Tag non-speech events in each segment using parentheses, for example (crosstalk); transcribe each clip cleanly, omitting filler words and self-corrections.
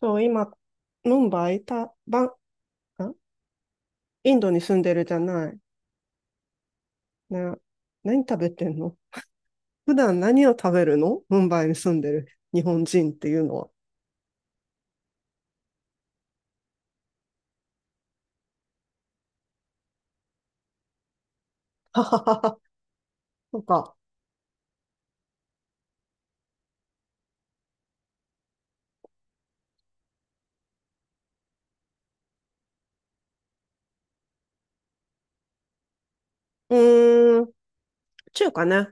そう、今、ムンバイ、た、バン、あ、インドに住んでるじゃない。な、何食べてんの？普段何を食べるの？ムンバイに住んでる日本人っていうのは。はははは。なんか、うーん、中華ね。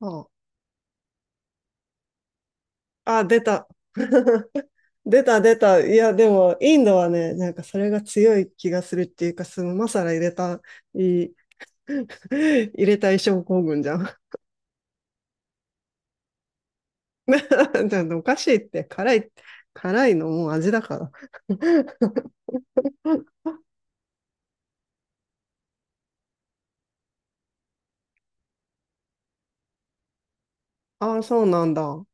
ああ、出た。(laughs) 出た出た。いや、でも、インドはね、なんかそれが強い気がするっていうか、そのマサラ入れた、いい、(laughs) 入れたい症候群じゃん。(laughs) だっておかしいって、辛い、辛いのもう味だから。(laughs) うん。ああ、そうなんだ。あ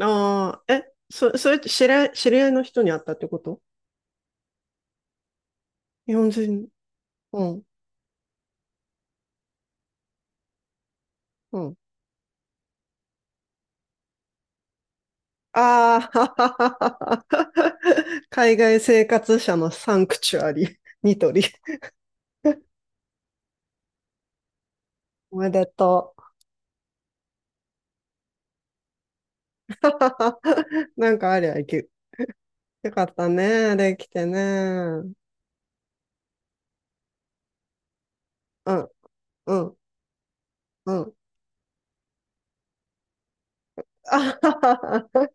あ、え、そ、それって知り合い、知り合いの人に会ったってこと？日本人。うん、うん。ああ、(laughs) 海外生活者のサンクチュアリ、ニトリ。おめでとう。(laughs) なんかありゃいけ、よかったね、できてね。うん、うん、うん。(laughs) あははは。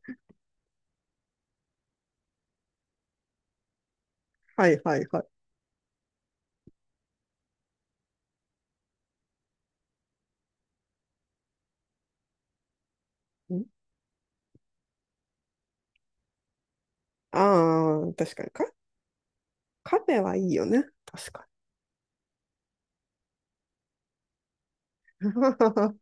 はいはいはい。ん、ああ、確かに。カ、カフェはいいよね。確かに。(laughs)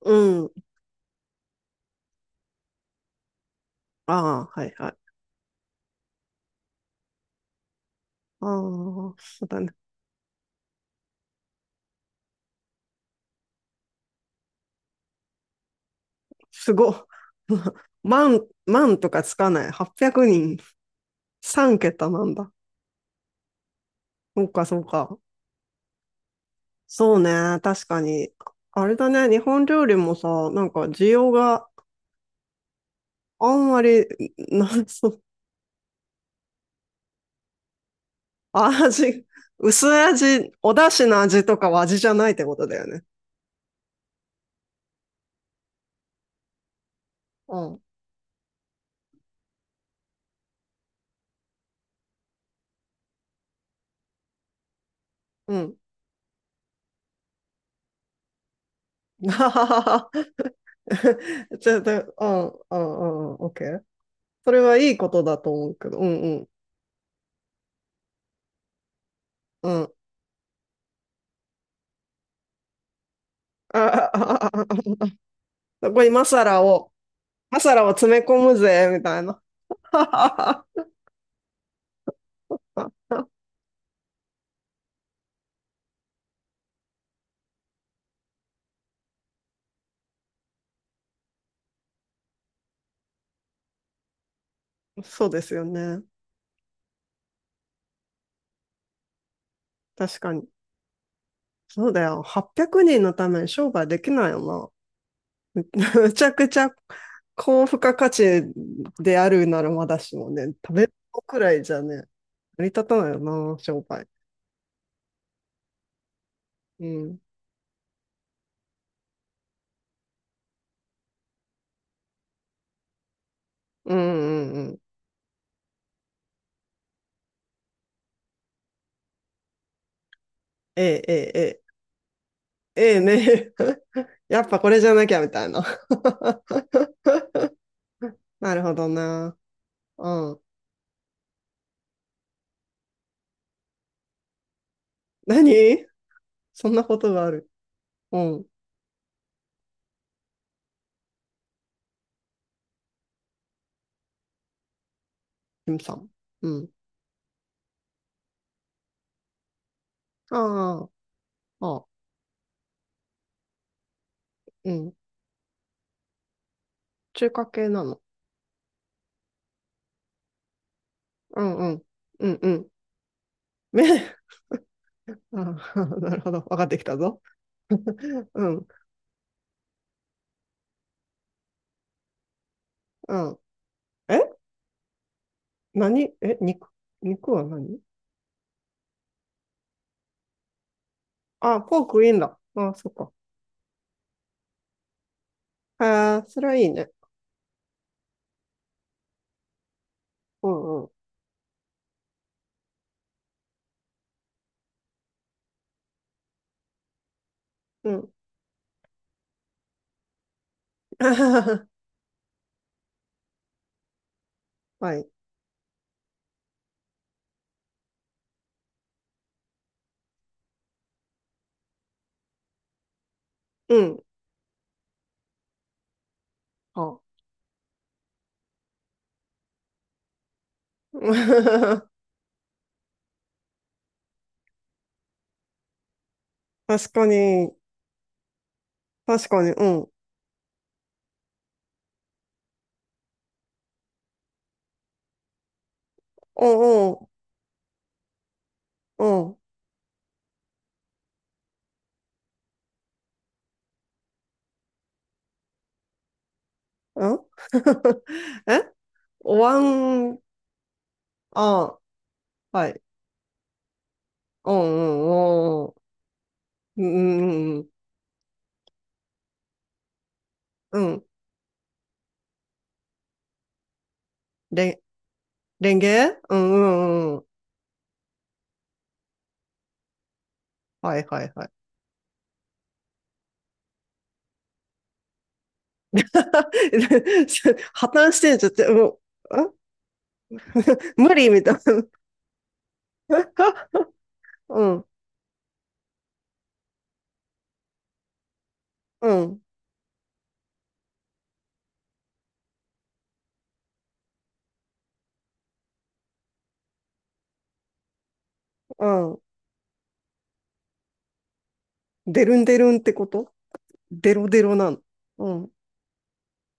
うん。ああ、はいはい。ああ、そうだね。すごい。(laughs) 万、万とかつかない。800人。3桁なんだ。そうか、そうか。そうね。確かに。あれだね。日本料理もさ、なんか需要があんまり、なんそう、味、薄味、お出汁の味とかは味じゃないってことだよね。うん。うん。(laughs) はははは。ちょっと、うん、うん、うん、うん、オッケー。それはいいことだと思うけど。うん、うん、うん。あああああ、そこにマサラを、マサラを詰め込むぜ、みたいな。(laughs) そうですよね。確かに。そうだよ。800人のために商売できないよな。(laughs) むちゃくちゃ高付加価値であるならまだしもね、食べるくらいじゃね、成り立たないよな、商売。うん。うんうんうん。ええええええ。ええね。(laughs) やっぱこれじゃなきゃみたいな。(laughs) なるほどな。うん。何？そんなことがある？うん。キムさん。うん。ああ、ああ、うん。中華系なの？うんうん。うんうん。め、(laughs) ああ、なるほど。分かってきたぞ。(laughs) うん、うん。え、何？え、肉？肉は何？あ、ポークいいんだ。あ、そっか。へえ、それはいいね。うんうん。うん。(laughs) はい。うん。あ。(laughs) 確かに。確かに。うん。うんうん。うん。うん。 (laughs) え、お椀。ああ、はい。おう、ん、おう、んうん。うんうんうん。レン、レンゲ。うん。うんうん。はいはいはい。(laughs) 破綻してんじゃって、うん、あ、 (laughs) 無理みたいな。(laughs) うん、うん、うん。デルンデルンってこと？デロデロなの？うん。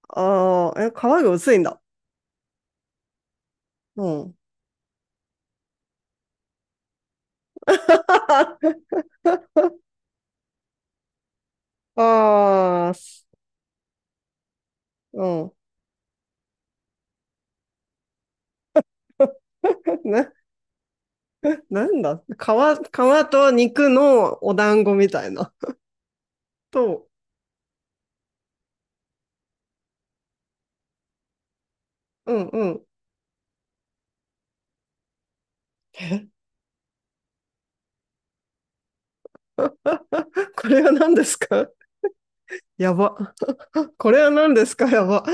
ああ、え、皮が薄いんだ。うん。(laughs) ああ、す、うん。(laughs) な、なんだ、皮、皮と肉のお団子みたいな。と、うんうん。え、 (laughs) これは何ですか？やば。これは何ですか？やば。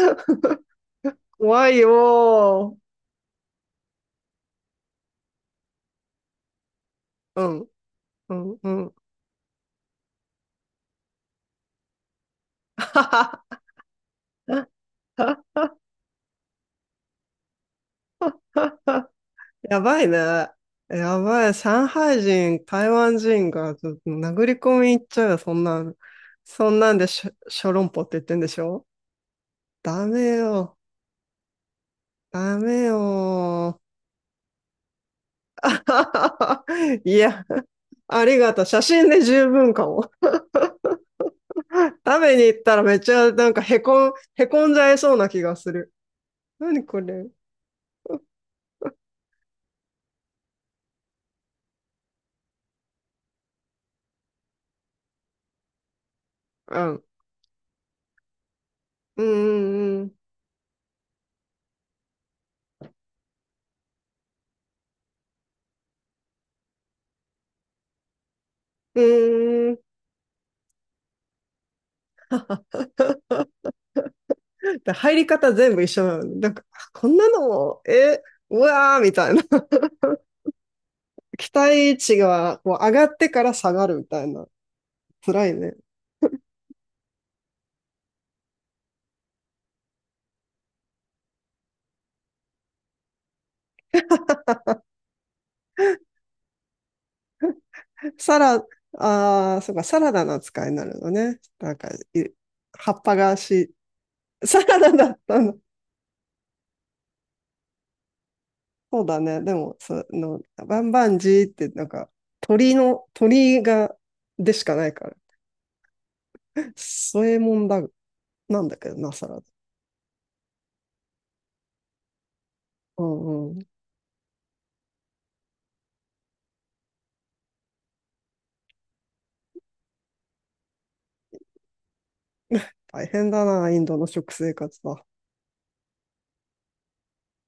怖いよー。うん、うん、うん。(laughs) やばいね。やばい。上海人、台湾人がちょっと殴り込み行っちゃうよ、そんなん。そんなんでしょ、小籠包って言ってんでしょ？ダメよ。ダメよ。 (laughs) いや、ありがとう。写真で十分かも。食べに行ったらめっちゃなんかへこん、へこんじゃいそうな気がする。何これ？うん。うんうんうん。うーん。で入り方全部一緒なのに。なんか、あ、こんなのも、え、うわーみたいな。(laughs) 期待値がこう上がってから下がるみたいな。辛いね。サラ、ああ、そうか、サラダの扱いになるのね。なんか、い、葉っぱがし、サラダだったの？そうだね。でも、その、バンバンジーって、なんか、鳥の、鳥が、でしかないから。そういうもんだ、なんだけどな、サラダ。うんうん。大変だな、インドの食生活は。